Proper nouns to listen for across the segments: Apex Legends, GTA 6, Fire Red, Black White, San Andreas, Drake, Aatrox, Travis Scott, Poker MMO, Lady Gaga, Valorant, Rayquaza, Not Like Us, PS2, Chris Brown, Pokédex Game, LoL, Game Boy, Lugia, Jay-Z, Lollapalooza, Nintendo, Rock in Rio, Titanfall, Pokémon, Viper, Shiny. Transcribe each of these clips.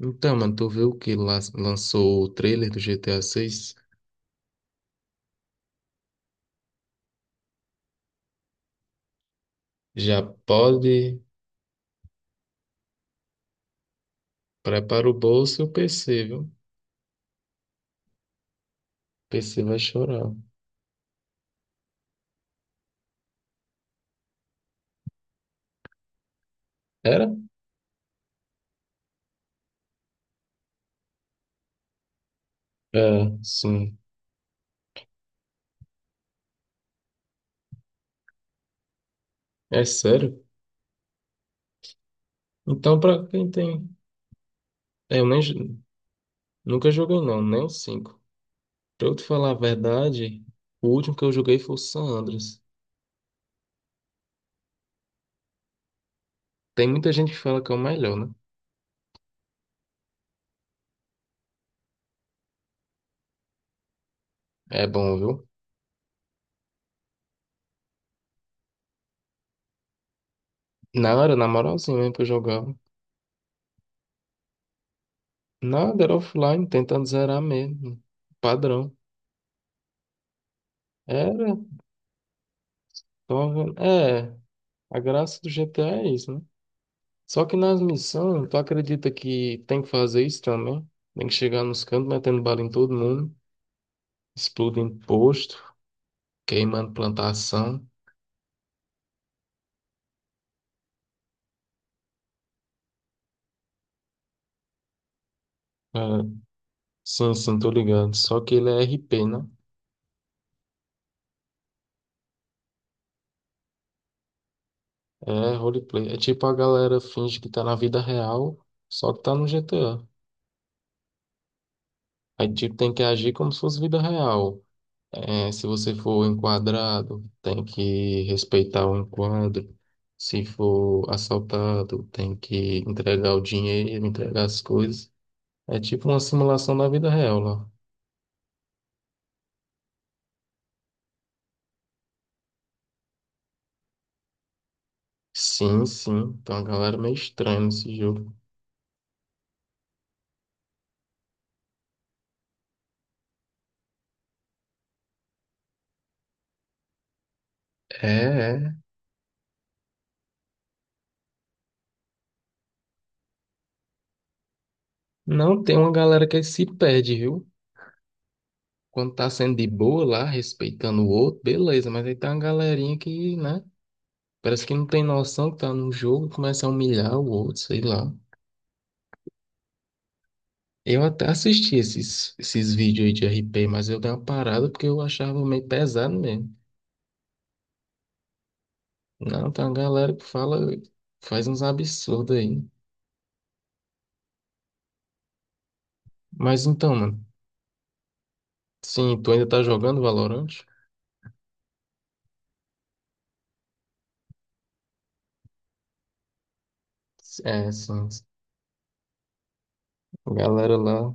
Então, mano, tu viu que lançou o trailer do GTA 6? Já pode. Prepara o bolso e o PC, viu? O PC vai chorar. Era? É, sim. É sério? Então, pra quem tem. É, eu nem nunca joguei, não, nem o 5. Pra eu te falar a verdade, o último que eu joguei foi o San Andreas. Tem muita gente que fala que é o melhor, né? É bom, viu? Na hora, na moralzinha mesmo que eu jogava. Nada, era offline, tentando zerar mesmo. Padrão. Era. É, a graça do GTA é isso, né? Só que nas missões, tu acredita que tem que fazer isso também? Tem que chegar nos cantos metendo bala em todo mundo, explodindo posto, queimando plantação. É, sim, sim, tô ligado. Só que ele é RP, né? É roleplay. É tipo a galera finge que tá na vida real, só que tá no GTA. Aí tipo tem que agir como se fosse vida real. É, se você for enquadrado, tem que respeitar o enquadro. Se for assaltado, tem que entregar o dinheiro, entregar as coisas. É tipo uma simulação da vida real lá. Sim, sim. Tem uma galera meio estranha nesse jogo. É, é. Não tem uma galera que se perde, viu? Quando tá sendo de boa lá, respeitando o outro, beleza. Mas aí tá uma galerinha que, né? Parece que não tem noção que tá num jogo, começa a humilhar o outro, sei lá. Eu até assisti esses vídeos aí de RP, mas eu dei uma parada porque eu achava meio pesado mesmo. Não, tem uma galera que fala, faz uns absurdos aí. Mas então, mano, sim, tu ainda tá jogando Valorant? É, sim, a galera lá.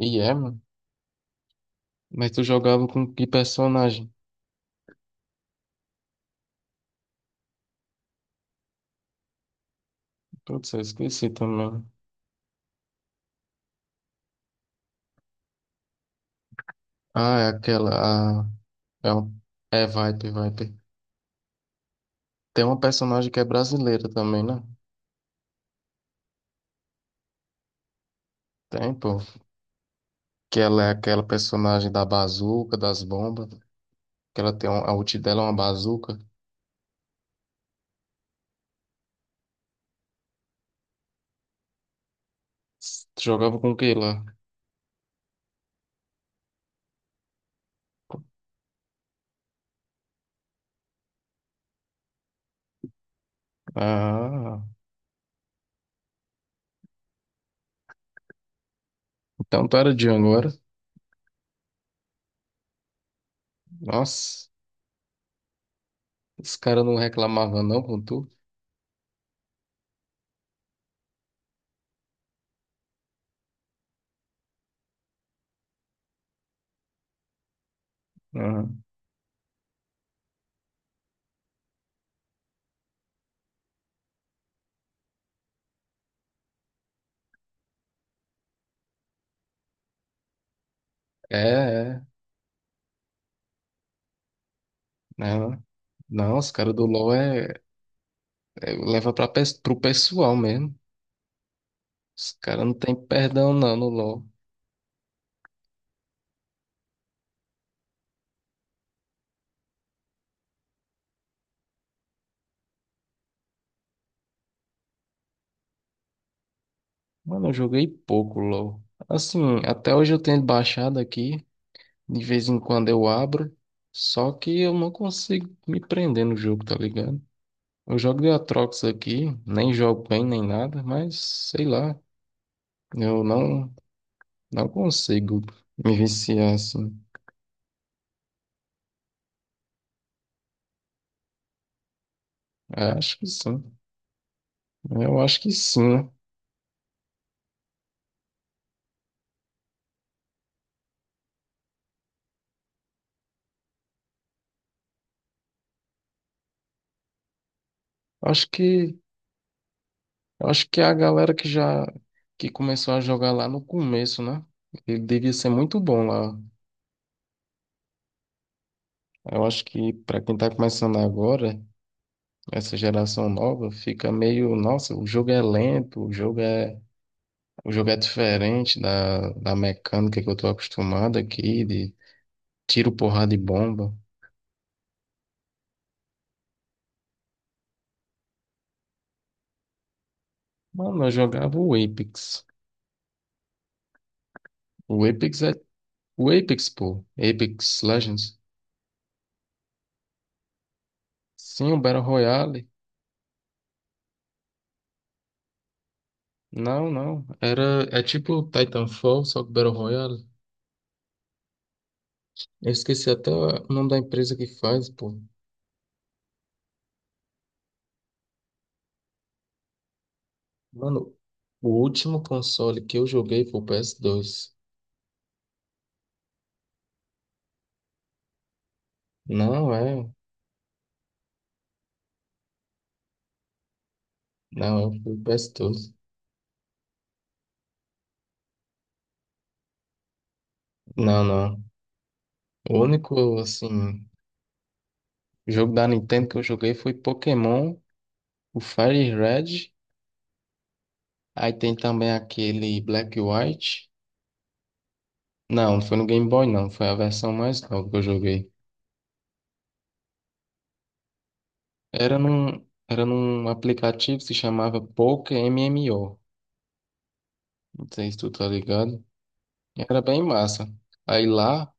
E é, mano. Mas tu jogava com que personagem? Putz, eu esqueci também. Ah, é aquela. É, o- É Viper, Viper. Tem uma personagem que é brasileira também, né? Tem, pô. Que ela é aquela personagem da bazuca, das bombas. Que ela tem a ult dela é uma bazuca. Tu jogava com o que lá? Ah, então tu era de agora. Nossa, os caras não reclamavam não com tu? Ah, é, é. Não, não, os caras do LoL leva pro pessoal mesmo. Os caras não tem perdão não no LoL. Mano, eu joguei pouco LoL. Assim, até hoje eu tenho baixado aqui. De vez em quando eu abro. Só que eu não consigo me prender no jogo, tá ligado? Eu jogo de Aatrox aqui, nem jogo bem nem nada, mas sei lá, eu não consigo me viciar assim. É, acho que sim. Eu acho que sim, né? Acho que acho que a galera que já que começou a jogar lá no começo, né? Ele devia ser muito bom lá. Eu acho que pra quem tá começando agora, essa geração nova, fica meio, nossa, o jogo é lento, o jogo é diferente da mecânica que eu tô acostumado aqui, de tiro, porrada e bomba. Mano, eu jogava o Apex. O Apex é. O Apex, pô. Apex Legends. Sim, o Battle Royale. Não, não. Era. É tipo Titanfall, só que Battle Royale. Eu esqueci até o nome da empresa que faz, pô. Mano, o último console que eu joguei foi o PS2. Não é. Não, é o PS2. Não, não. O único, assim, jogo da Nintendo que eu joguei foi Pokémon, o Fire Red. Aí tem também aquele Black White. Não, não foi no Game Boy, não. Foi a versão mais nova que eu joguei. Era num aplicativo que se chamava Poker MMO. Não sei se tu tá ligado. Era bem massa. Aí lá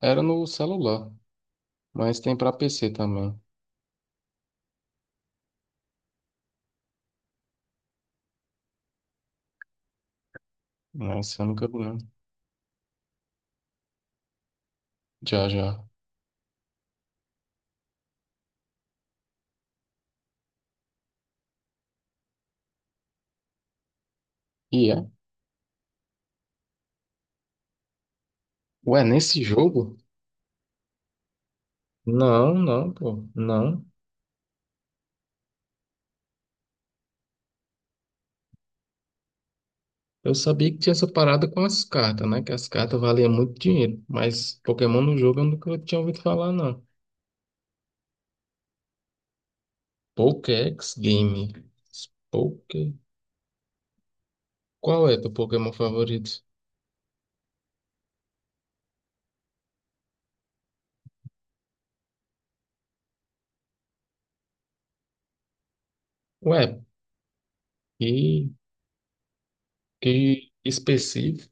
era no celular, mas tem pra PC também. Mas eu nunca vi, não. Já, já. E é? Ué, nesse jogo? Não, não, pô. Não. Eu sabia que tinha essa parada com as cartas, né? Que as cartas valiam muito dinheiro. Mas Pokémon no jogo eu nunca tinha ouvido falar, não. Pokédex Game. Poké... Qual é teu Pokémon favorito? Ué, que, que específico.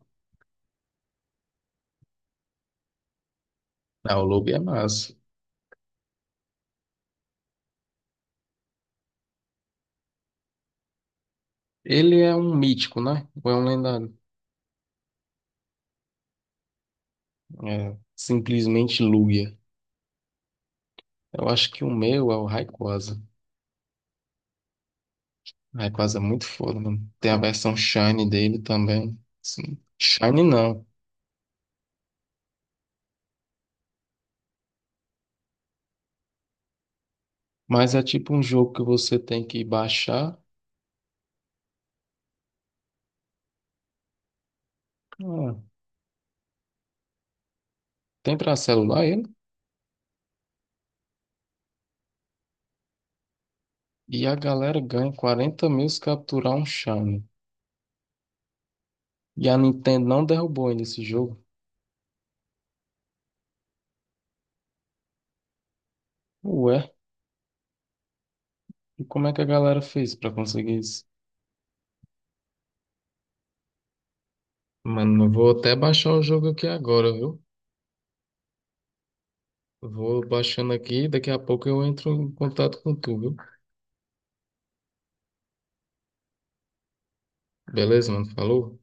Ah, o Lugia é massa. Ele é um mítico, né? Ou é um lendário? É, simplesmente Lugia. Eu acho que o meu é o Rayquaza. Rayquaza é muito foda, mano. Tem a versão Shiny dele também. Sim. Shiny não. Mas é tipo um jogo que você tem que baixar. Ah, tem pra celular ele? E a galera ganha 40 mil se capturar um Shiny. E a Nintendo não derrubou ainda esse jogo. Ué, e como é que a galera fez pra conseguir isso? Mano, eu vou até baixar o jogo aqui agora, viu? Vou baixando aqui, daqui a pouco eu entro em contato com tu, viu? Beleza, mano? Falou?